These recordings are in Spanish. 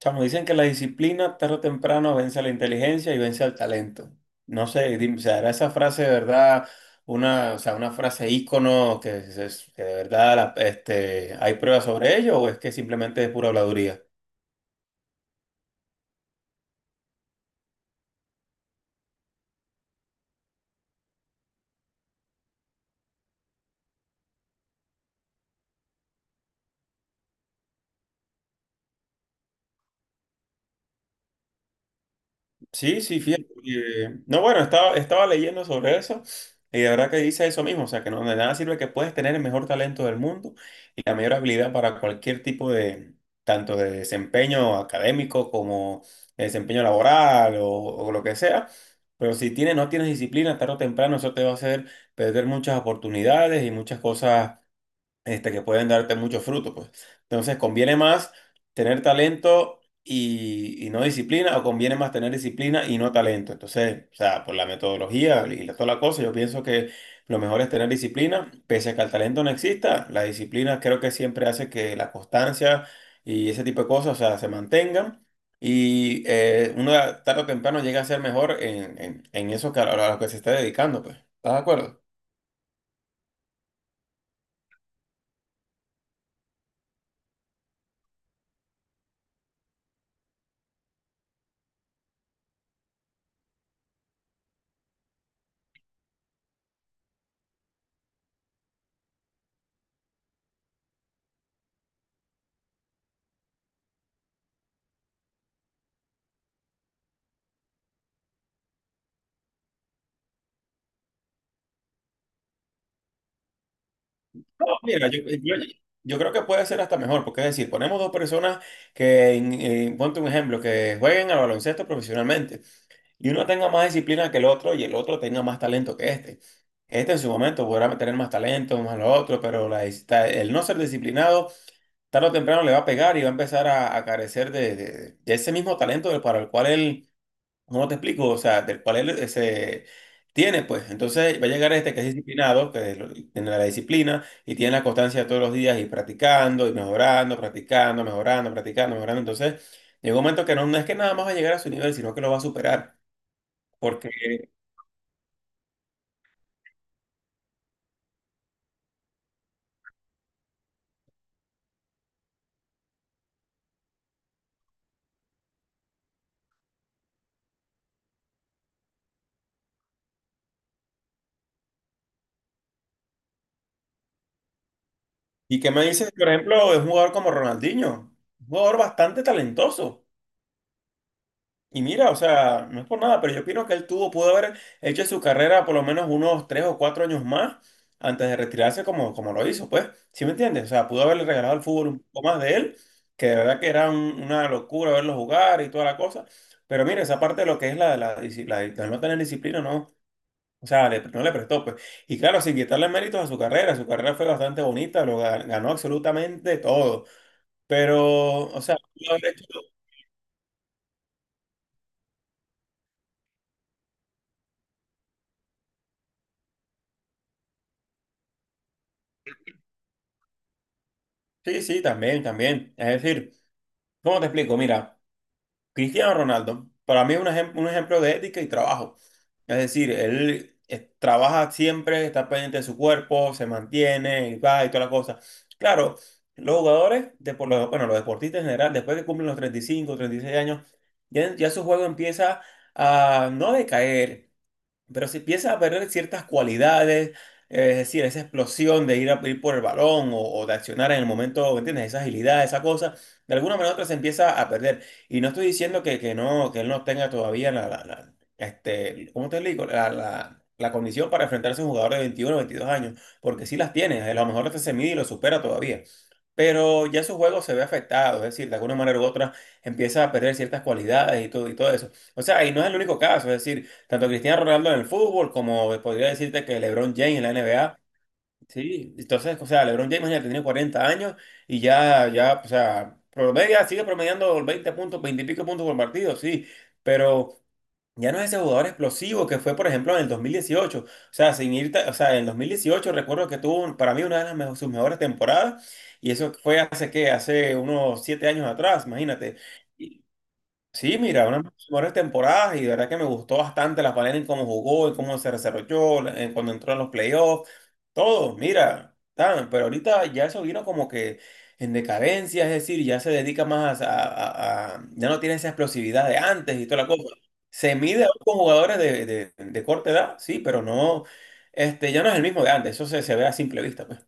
Chamo, dicen que la disciplina tarde o temprano vence a la inteligencia y vence al talento. No sé, ¿será esa frase de verdad una, o sea, una frase ícono que de verdad este, hay pruebas sobre ello o es que simplemente es pura habladuría? Sí, sí, fíjate. No, bueno, estaba leyendo sobre eso y de verdad que dice eso mismo, o sea, que no de nada sirve que puedes tener el mejor talento del mundo y la mayor habilidad para cualquier tipo de, tanto de desempeño académico como de desempeño laboral o lo que sea, pero si tienes, no tienes disciplina, tarde o temprano eso te va a hacer perder muchas oportunidades y muchas cosas este, que pueden darte muchos frutos pues. Entonces, ¿conviene más tener talento y no disciplina o conviene más tener disciplina y no talento? Entonces, o sea, por la metodología y toda la cosa, yo pienso que lo mejor es tener disciplina, pese a que el talento no exista, la disciplina creo que siempre hace que la constancia y ese tipo de cosas, o sea, se mantengan. Y uno tarde o temprano llega a ser mejor en eso que a lo que se está dedicando, pues. ¿Estás de acuerdo? No, mira, yo creo que puede ser hasta mejor, porque es decir, ponemos dos personas que, ponte un ejemplo, que jueguen al baloncesto profesionalmente y uno tenga más disciplina que el otro y el otro tenga más talento que este. Este en su momento podrá tener más talento, más lo otro, pero el no ser disciplinado tarde o temprano le va a pegar y va a empezar a carecer de ese mismo talento para el cual él. ¿Cómo te explico? O sea, del cual él se tiene, pues. Entonces va a llegar este que es disciplinado, que tiene la disciplina y tiene la constancia todos los días y practicando y mejorando, practicando, mejorando, practicando, mejorando. Entonces llega un momento que no, no es que nada más va a llegar a su nivel, sino que lo va a superar. Porque, ¿y qué me dices, por ejemplo, de un jugador como Ronaldinho? Un jugador bastante talentoso. Y mira, o sea, no es por nada, pero yo opino que él tuvo, pudo haber hecho su carrera por lo menos unos 3 o 4 años más antes de retirarse como, como lo hizo, pues. ¿Sí me entiendes? O sea, pudo haberle regalado al fútbol un poco más de él, que de verdad que era una locura verlo jugar y toda la cosa. Pero mira, esa parte de lo que es la de no tener disciplina, no. O sea, no le prestó, pues. Y claro, sin quitarle méritos a su carrera fue bastante bonita, ganó absolutamente todo. Pero, o sea, pudo haber hecho- sí, sí, también, también. Es decir. ¿Cómo te explico? Mira, Cristiano Ronaldo, para mí es un ejemplo de ética y trabajo. Es decir, él trabaja siempre, está pendiente de su cuerpo, se mantiene, y va y todas las cosas. Claro, los jugadores, de, bueno, los deportistas en general, después que cumplen los 30 35, 36 años, ya, ya su juego empieza a no decaer, pero si empiezas a perder ciertas cualidades, es decir, esa explosión de ir a ir por el balón o de accionar en el momento, ¿entiendes? Esa agilidad, esa cosa, de alguna manera u otra se empieza a perder. Y no estoy diciendo que no, que él no tenga todavía este, ¿cómo te digo? La condición para enfrentarse a un jugador de 21 22 años, porque sí las tiene, a lo mejor hasta se mide y lo supera todavía, pero ya su juego se ve afectado, es decir, de alguna manera u otra empieza a perder ciertas cualidades y todo eso. O sea, y no es el único caso, es decir, tanto Cristiano Ronaldo en el fútbol como podría decirte que LeBron James en la NBA, sí, entonces, o sea, LeBron James ya tiene 40 años y ya, ya, o sea, promedia, sigue promediando 20 puntos, 20 puntos y pico puntos por partido, sí, pero... Ya no es ese jugador explosivo que fue, por ejemplo, en el 2018. O sea, sin irte, o sea, en el 2018 recuerdo que tuvo para mí una de las sus mejores temporadas y eso fue hace que hace unos 7 años atrás, imagínate. Sí, mira, una de mis mejores temporadas y de verdad que me gustó bastante la manera en cómo jugó, en cómo se desarrolló, en cuando entró en los playoffs, todo, mira, tan, pero ahorita ya eso vino como que en decadencia, es decir, ya se dedica más ya no tiene esa explosividad de antes y toda la cosa. Se mide ahora con jugadores de, de corta edad, sí, pero no, este, ya no es el mismo de antes, eso se, se ve a simple vista, pues.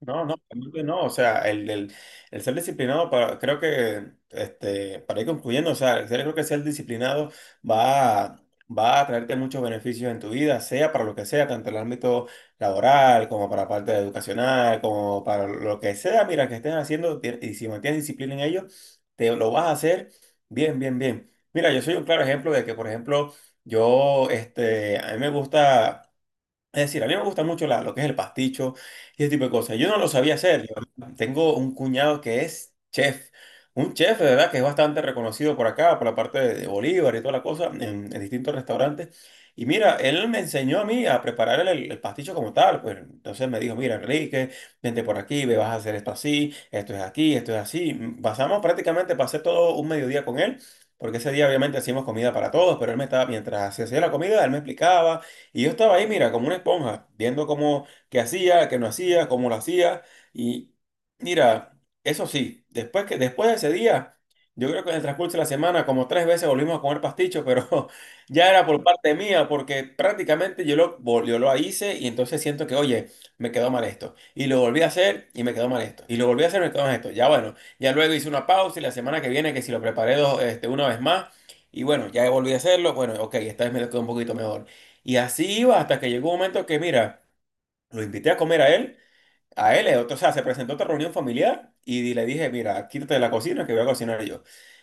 No, no, realmente no, o sea, el ser disciplinado, para, creo que, este, para ir concluyendo, o sea, yo creo que ser disciplinado va a, va a traerte muchos beneficios en tu vida, sea para lo que sea, tanto en el ámbito laboral como para la parte educacional, como para lo que sea, mira, que estés haciendo y si mantienes disciplina en ello, te lo vas a hacer bien, bien, bien. Mira, yo soy un claro ejemplo de que, por ejemplo, yo, este, a mí me gusta... Es decir, a mí me gusta mucho lo que es el pasticho y ese tipo de cosas. Yo no lo sabía hacer. Yo tengo un cuñado que es chef, un chef de verdad que es bastante reconocido por acá, por la parte de Bolívar y toda la cosa, en distintos restaurantes. Y mira, él me enseñó a mí a preparar el pasticho como tal. Pues entonces me dijo, mira, Enrique, vente por aquí, ve, vas a hacer esto así, esto es aquí, esto es así. Mm, pasamos prácticamente, pasé todo un mediodía con él. Porque ese día obviamente hacíamos comida para todos, pero él me estaba, mientras se hacía la comida, él me explicaba y yo estaba ahí, mira, como una esponja, viendo cómo, qué hacía, qué no hacía, cómo lo hacía. Y mira, eso sí, después que, después de ese día, yo creo que en el transcurso de la semana, como tres veces volvimos a comer pasticho, pero ya era por parte mía, porque prácticamente yo lo hice y entonces siento que, oye, me quedó mal esto. Y lo volví a hacer y me quedó mal esto. Y lo volví a hacer y me quedó mal esto. Ya bueno, ya luego hice una pausa y la semana que viene, que si lo preparé dos, este, una vez más. Y bueno, ya volví a hacerlo. Bueno, ok, esta vez me quedó un poquito mejor. Y así iba hasta que llegó un momento que, mira, lo invité a comer a él. A él, o sea, se presentó a otra reunión familiar y le dije, mira, quítate de la cocina que voy a cocinar yo.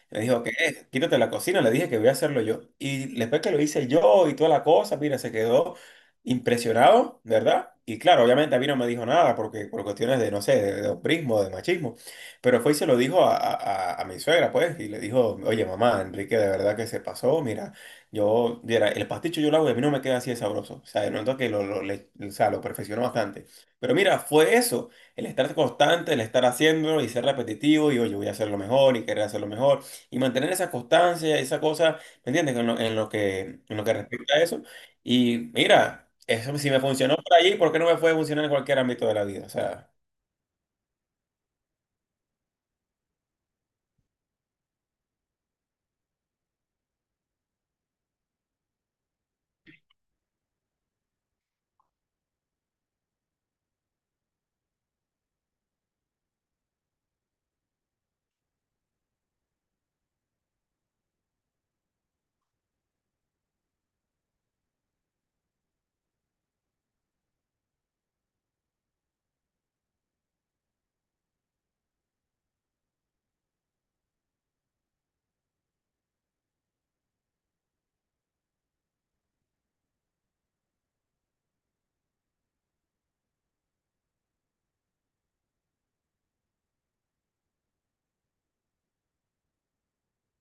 Le dijo, ¿qué? Quítate de la cocina, le dije que voy a hacerlo yo. Y después que lo hice yo y toda la cosa, mira, se quedó impresionado, ¿verdad? Y claro, obviamente a mí no me dijo nada porque por cuestiones de, no sé, de hombrismo, de machismo, pero fue y se lo dijo a mi suegra, pues, y le dijo, oye, mamá, Enrique, de verdad que se pasó, mira, yo, mira, el pasticho yo lo hago y a mí no me queda así de sabroso. O sea, de noto que o sea, lo perfeccionó bastante. Pero mira, fue eso, el estar constante, el estar haciéndolo y ser repetitivo y oye, voy a hacerlo mejor y querer hacerlo mejor y mantener esa constancia, esa cosa, ¿me entiendes? En lo que respecta a eso. Y mira, eso si me funcionó por allí, ¿por qué no me puede funcionar en cualquier ámbito de la vida? O sea.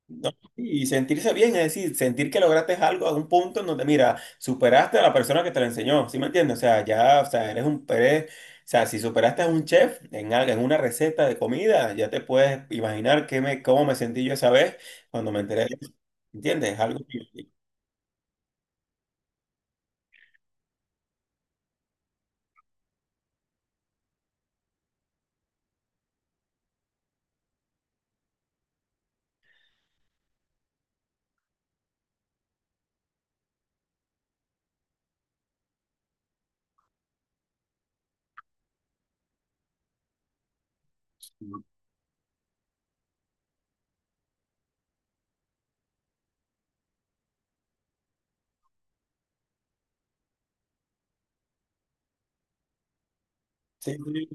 No, y sentirse bien, es decir, sentir que lograste algo a un punto en donde, mira, superaste a la persona que te lo enseñó, ¿sí me entiendes? O sea, ya, o sea, eres un pérez, o sea, si superaste a un chef en algo, en una receta de comida, ya te puedes imaginar qué me, cómo me sentí yo esa vez cuando me enteré de eso, ¿entiendes? Algo que- sí, sí,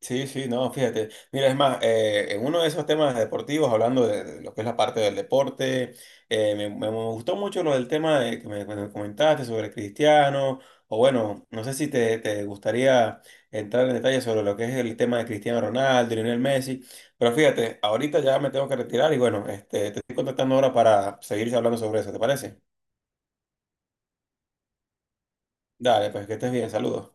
sí, sí, no, fíjate. Mira, es más, en uno de esos temas deportivos, hablando de lo que es la parte del deporte, me gustó mucho lo del tema de que me comentaste sobre Cristiano, o bueno, no sé si te gustaría entrar en detalle sobre lo que es el tema de Cristiano Ronaldo, Lionel Messi, pero fíjate, ahorita ya me tengo que retirar y bueno, este, te estoy contactando ahora para seguir hablando sobre eso, ¿te parece? Dale, pues que estés bien, saludos.